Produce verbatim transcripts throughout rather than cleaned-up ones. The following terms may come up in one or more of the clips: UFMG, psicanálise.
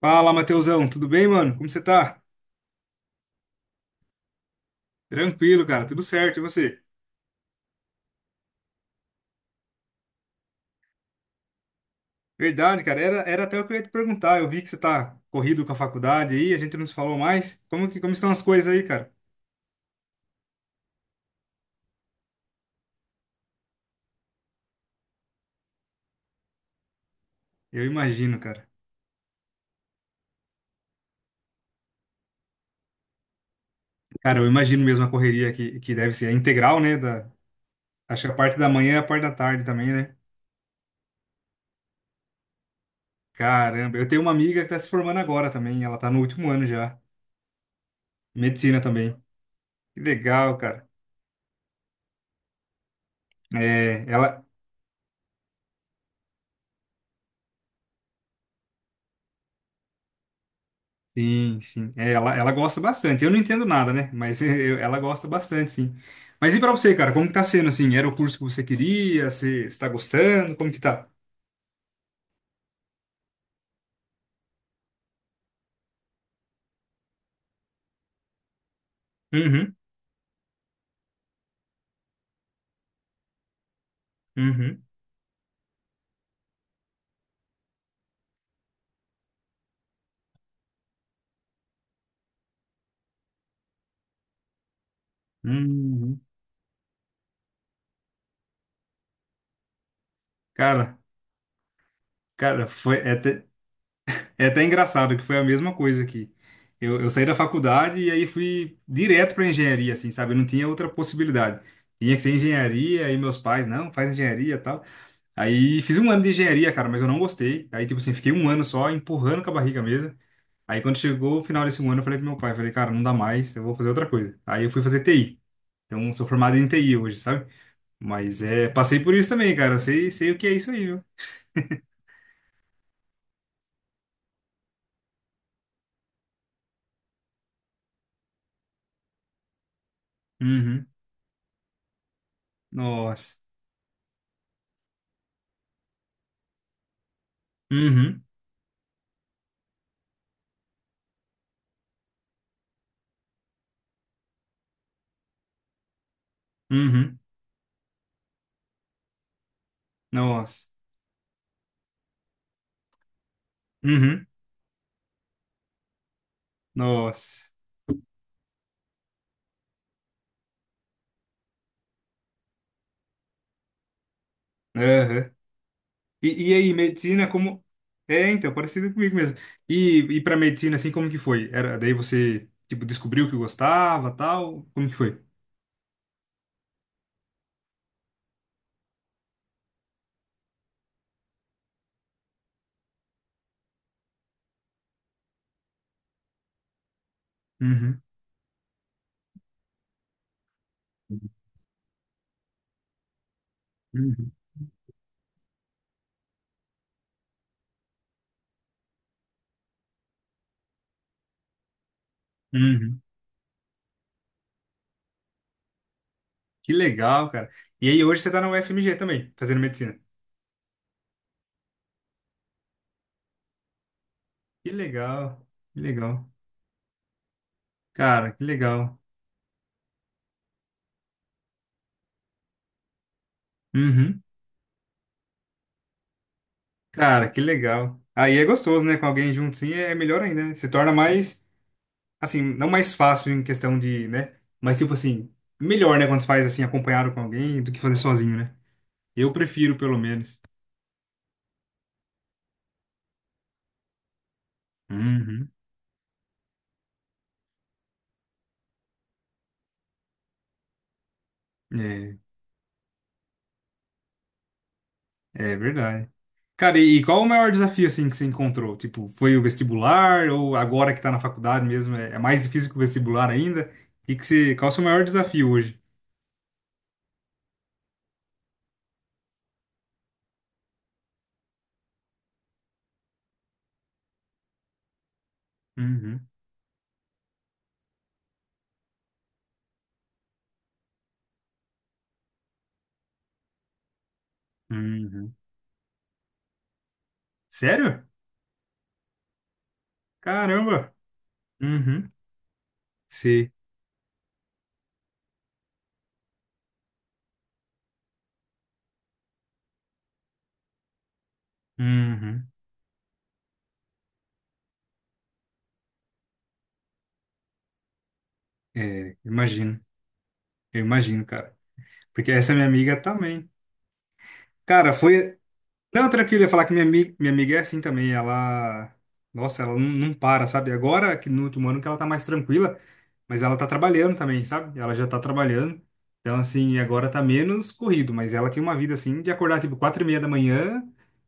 Fala, Matheusão, tudo bem, mano? Como você tá? Tranquilo, cara, tudo certo, e você? Verdade, cara, era, era até o que eu ia te perguntar. Eu vi que você tá corrido com a faculdade aí, a gente não se falou mais. Como que, como estão as coisas aí, cara? Eu imagino, cara. Cara, eu imagino mesmo a correria que, que deve ser a integral, né? Da, acho que a parte da manhã e a parte da tarde também, né? Caramba, eu tenho uma amiga que tá se formando agora também, ela tá no último ano já, medicina também. Que legal, cara. É, ela, Sim, sim. É, ela, ela gosta bastante. Eu não entendo nada, né? Mas eu- ela gosta bastante, sim. Mas e pra você, cara? Como que tá sendo, assim? Era o curso que você queria? Você está gostando? Como que tá? Uhum, uhum, uhum. Cara, cara, foi é até, é até engraçado que foi a mesma coisa aqui. Eu, eu saí da faculdade e aí fui direto para engenharia, assim, sabe? Eu não tinha outra possibilidade. Tinha que ser engenharia, aí meus pais, não, faz engenharia e tal. Aí fiz um ano de engenharia, cara, mas eu não gostei. Aí, tipo assim, fiquei um ano só empurrando com a barriga mesmo. Aí, quando chegou o final desse um ano, eu falei pro meu pai, falei, cara, não dá mais, eu vou fazer outra coisa. Aí eu fui fazer T I. Então, sou formado em T I hoje, sabe? Mas é, passei por isso também, cara. Eu sei, sei o que é isso aí, viu? Uhum. Nossa. Uhum. Uhum. Nossa. Uhum. Nossa. Aham. E, e aí, medicina, como. É, então, parecido comigo mesmo. E, e para medicina, assim, como que foi? Era, daí você, tipo, descobriu que gostava, tal? Como que foi? Uhum, uhum, uhum. Que legal, cara. E aí, hoje você tá na U F M G também, fazendo medicina. Que legal, que legal. Cara, que legal. Uhum. Cara, que legal. Aí é gostoso, né? Com alguém junto, sim, é melhor ainda, né? Se torna mais. Assim, não mais fácil em questão de, né? Mas tipo assim, melhor, né, quando você faz assim acompanhado com alguém do que fazer sozinho, né? Eu prefiro, pelo menos. Uhum. É, é verdade. Cara, e qual o maior desafio assim que você encontrou? Tipo, foi o vestibular ou agora que tá na faculdade mesmo, é é mais difícil que o vestibular ainda? E que você, qual o seu maior desafio hoje? Uhum. Uhum. Sério? Caramba. Uhum. Sei. Uhum. É, imagino. Eu imagino, cara. Porque essa minha amiga também. Cara, foi. Não, tranquilo, eu ia falar que minha amiga, minha amiga é assim também. Ela. Nossa, ela não, não para, sabe? Agora que no último ano que ela tá mais tranquila, mas ela tá trabalhando também, sabe? Ela já tá trabalhando. Então, assim, agora tá menos corrido, mas ela tem uma vida assim de acordar tipo quatro e meia da manhã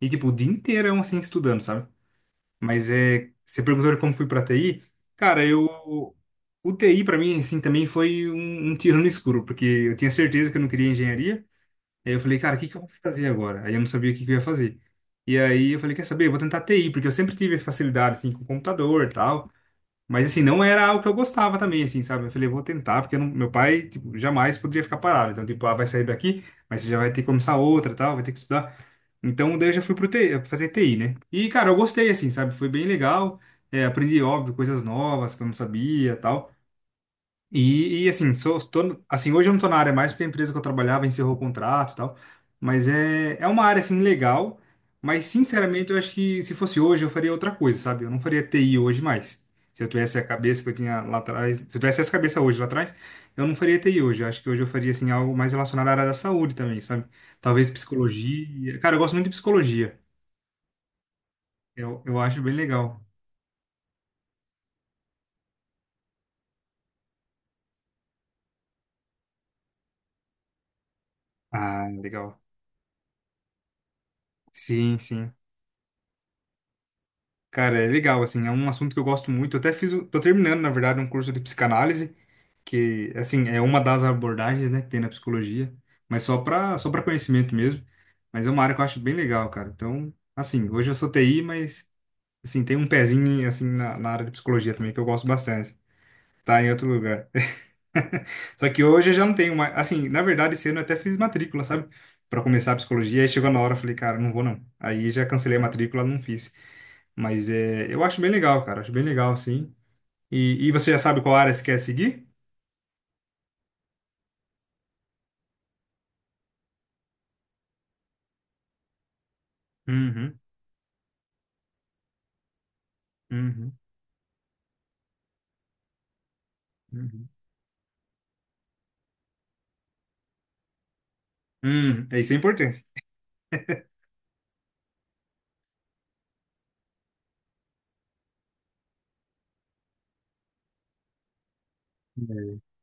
e tipo o dia inteirão assim estudando, sabe? Mas é. Você perguntou de como fui pra T I? Cara, eu. O T I pra mim, assim, também foi um, um tiro no escuro, porque eu tinha certeza que eu não queria engenharia. Aí eu falei, cara, o que que eu vou fazer agora? Aí eu não sabia o que que eu ia fazer. E aí eu falei, quer saber? Eu vou tentar T I, porque eu sempre tive essa facilidade, assim, com computador e tal. Mas, assim, não era algo que eu gostava também, assim, sabe? Eu falei, eu vou tentar, porque eu não- meu pai, tipo, jamais poderia ficar parado. Então, tipo, ah, vai sair daqui, mas você já vai ter que começar outra e tal, vai ter que estudar. Então, daí eu já fui pro T I, fazer T I, né? E, cara, eu gostei, assim, sabe? Foi bem legal. É, aprendi, óbvio, coisas novas que eu não sabia e tal. E, e, assim, sou, tô, no- assim, hoje eu não tô na área mais porque a empresa que eu trabalhava encerrou o contrato e tal. Mas é, é uma área, assim, legal. Mas, sinceramente, eu acho que se fosse hoje eu faria outra coisa, sabe? Eu não faria T I hoje mais. Se eu tivesse a cabeça que eu tinha lá atrás, se eu tivesse essa cabeça hoje lá atrás, eu não faria T I hoje. Eu acho que hoje eu faria, assim, algo mais relacionado à área da saúde também, sabe? Talvez psicologia. Cara, eu gosto muito de psicologia. Eu, eu acho bem legal. Ah, legal. Sim, sim. Cara, é legal, assim, é um assunto que eu gosto muito. Eu até fiz, o- tô terminando, na verdade, um curso de psicanálise, que, assim, é uma das abordagens, né, que tem na psicologia, mas só para só para conhecimento mesmo. Mas é uma área que eu acho bem legal, cara. Então, assim, hoje eu sou T I, mas, assim, tem um pezinho, assim, na, na área de psicologia também, que eu gosto bastante. Tá em outro lugar. Só que hoje eu já não tenho mais, assim, na verdade, esse ano eu até fiz matrícula, sabe? Para começar a psicologia, aí chegou na hora, eu falei, cara, não vou não. Aí já cancelei a matrícula, não fiz. Mas é, eu acho bem legal, cara. Acho bem legal, sim. E, e você já sabe qual área você quer seguir? Uhum, uhum, uhum. Hum, é isso é importante. É.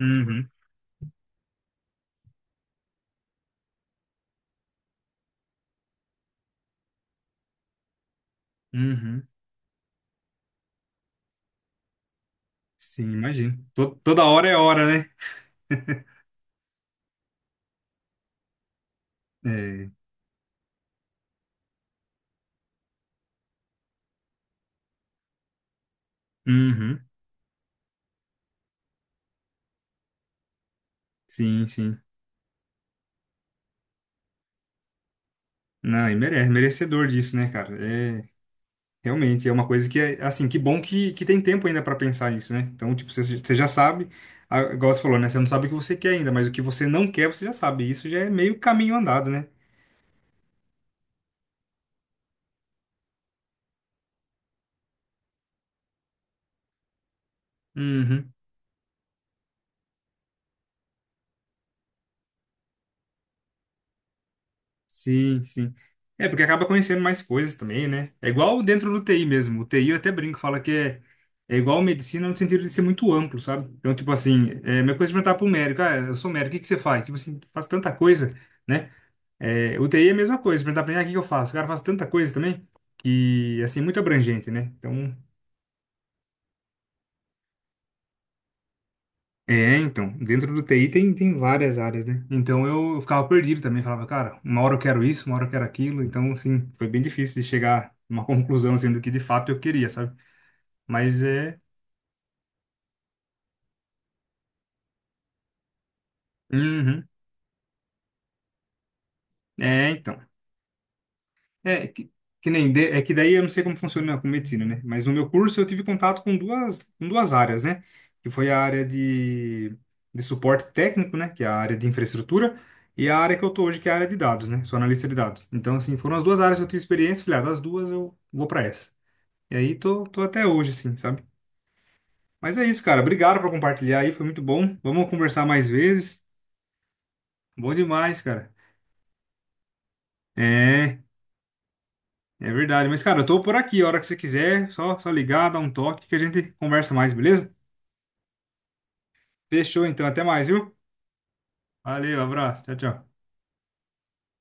Uhum, uhum. Sim, imagino. To- Toda hora é hora, né? É. Uhum. Sim, sim. Não, e merece, merecedor disso, né, cara? É, realmente, é uma coisa que é, assim, que bom que, que tem tempo ainda pra pensar nisso, né? Então, tipo, você, você já sabe, a igual você falou, né? Você não sabe o que você quer ainda, mas o que você não quer, você já sabe. Isso já é meio caminho andado, né? Uhum. Sim, sim. É, porque acaba conhecendo mais coisas também, né? É igual dentro do T I mesmo. O T I eu até brinco, fala que é, é igual medicina no sentido de ser muito amplo, sabe? Então, tipo assim, é a mesma coisa de perguntar pro médico, ah, eu sou médico, o que que você faz? Tipo assim, faz tanta coisa, né? É, o T I é a mesma coisa, perguntar pra mim, ah, o que que eu faço? O cara faz tanta coisa também, que, assim, muito abrangente, né? Então, É, então, dentro do T I tem, tem várias áreas, né? Então eu, eu ficava perdido também, falava, cara, uma hora eu quero isso, uma hora eu quero aquilo, então, assim, foi bem difícil de chegar numa conclusão, assim, do que de fato eu queria, sabe? Mas é. Uhum. É, então. É que, que nem de- é que daí eu não sei como funciona com medicina, né? Mas no meu curso eu tive contato com duas com duas áreas, né? Que foi a área de, de suporte técnico, né? Que é a área de infraestrutura e a área que eu tô hoje, que é a área de dados, né? Sou analista de dados. Então assim, foram as duas áreas que eu tive experiência, falei, ah, das duas eu vou para essa. E aí tô tô até hoje assim, sabe? Mas é isso, cara. Obrigado por compartilhar aí, foi muito bom. Vamos conversar mais vezes. Bom demais, cara. É, É verdade. Mas, cara, eu tô por aqui. A hora que você quiser, só, só ligar, dar um toque que a gente conversa mais, beleza? Fechou, então. Até mais, viu? Valeu, abraço. Tchau, tchau.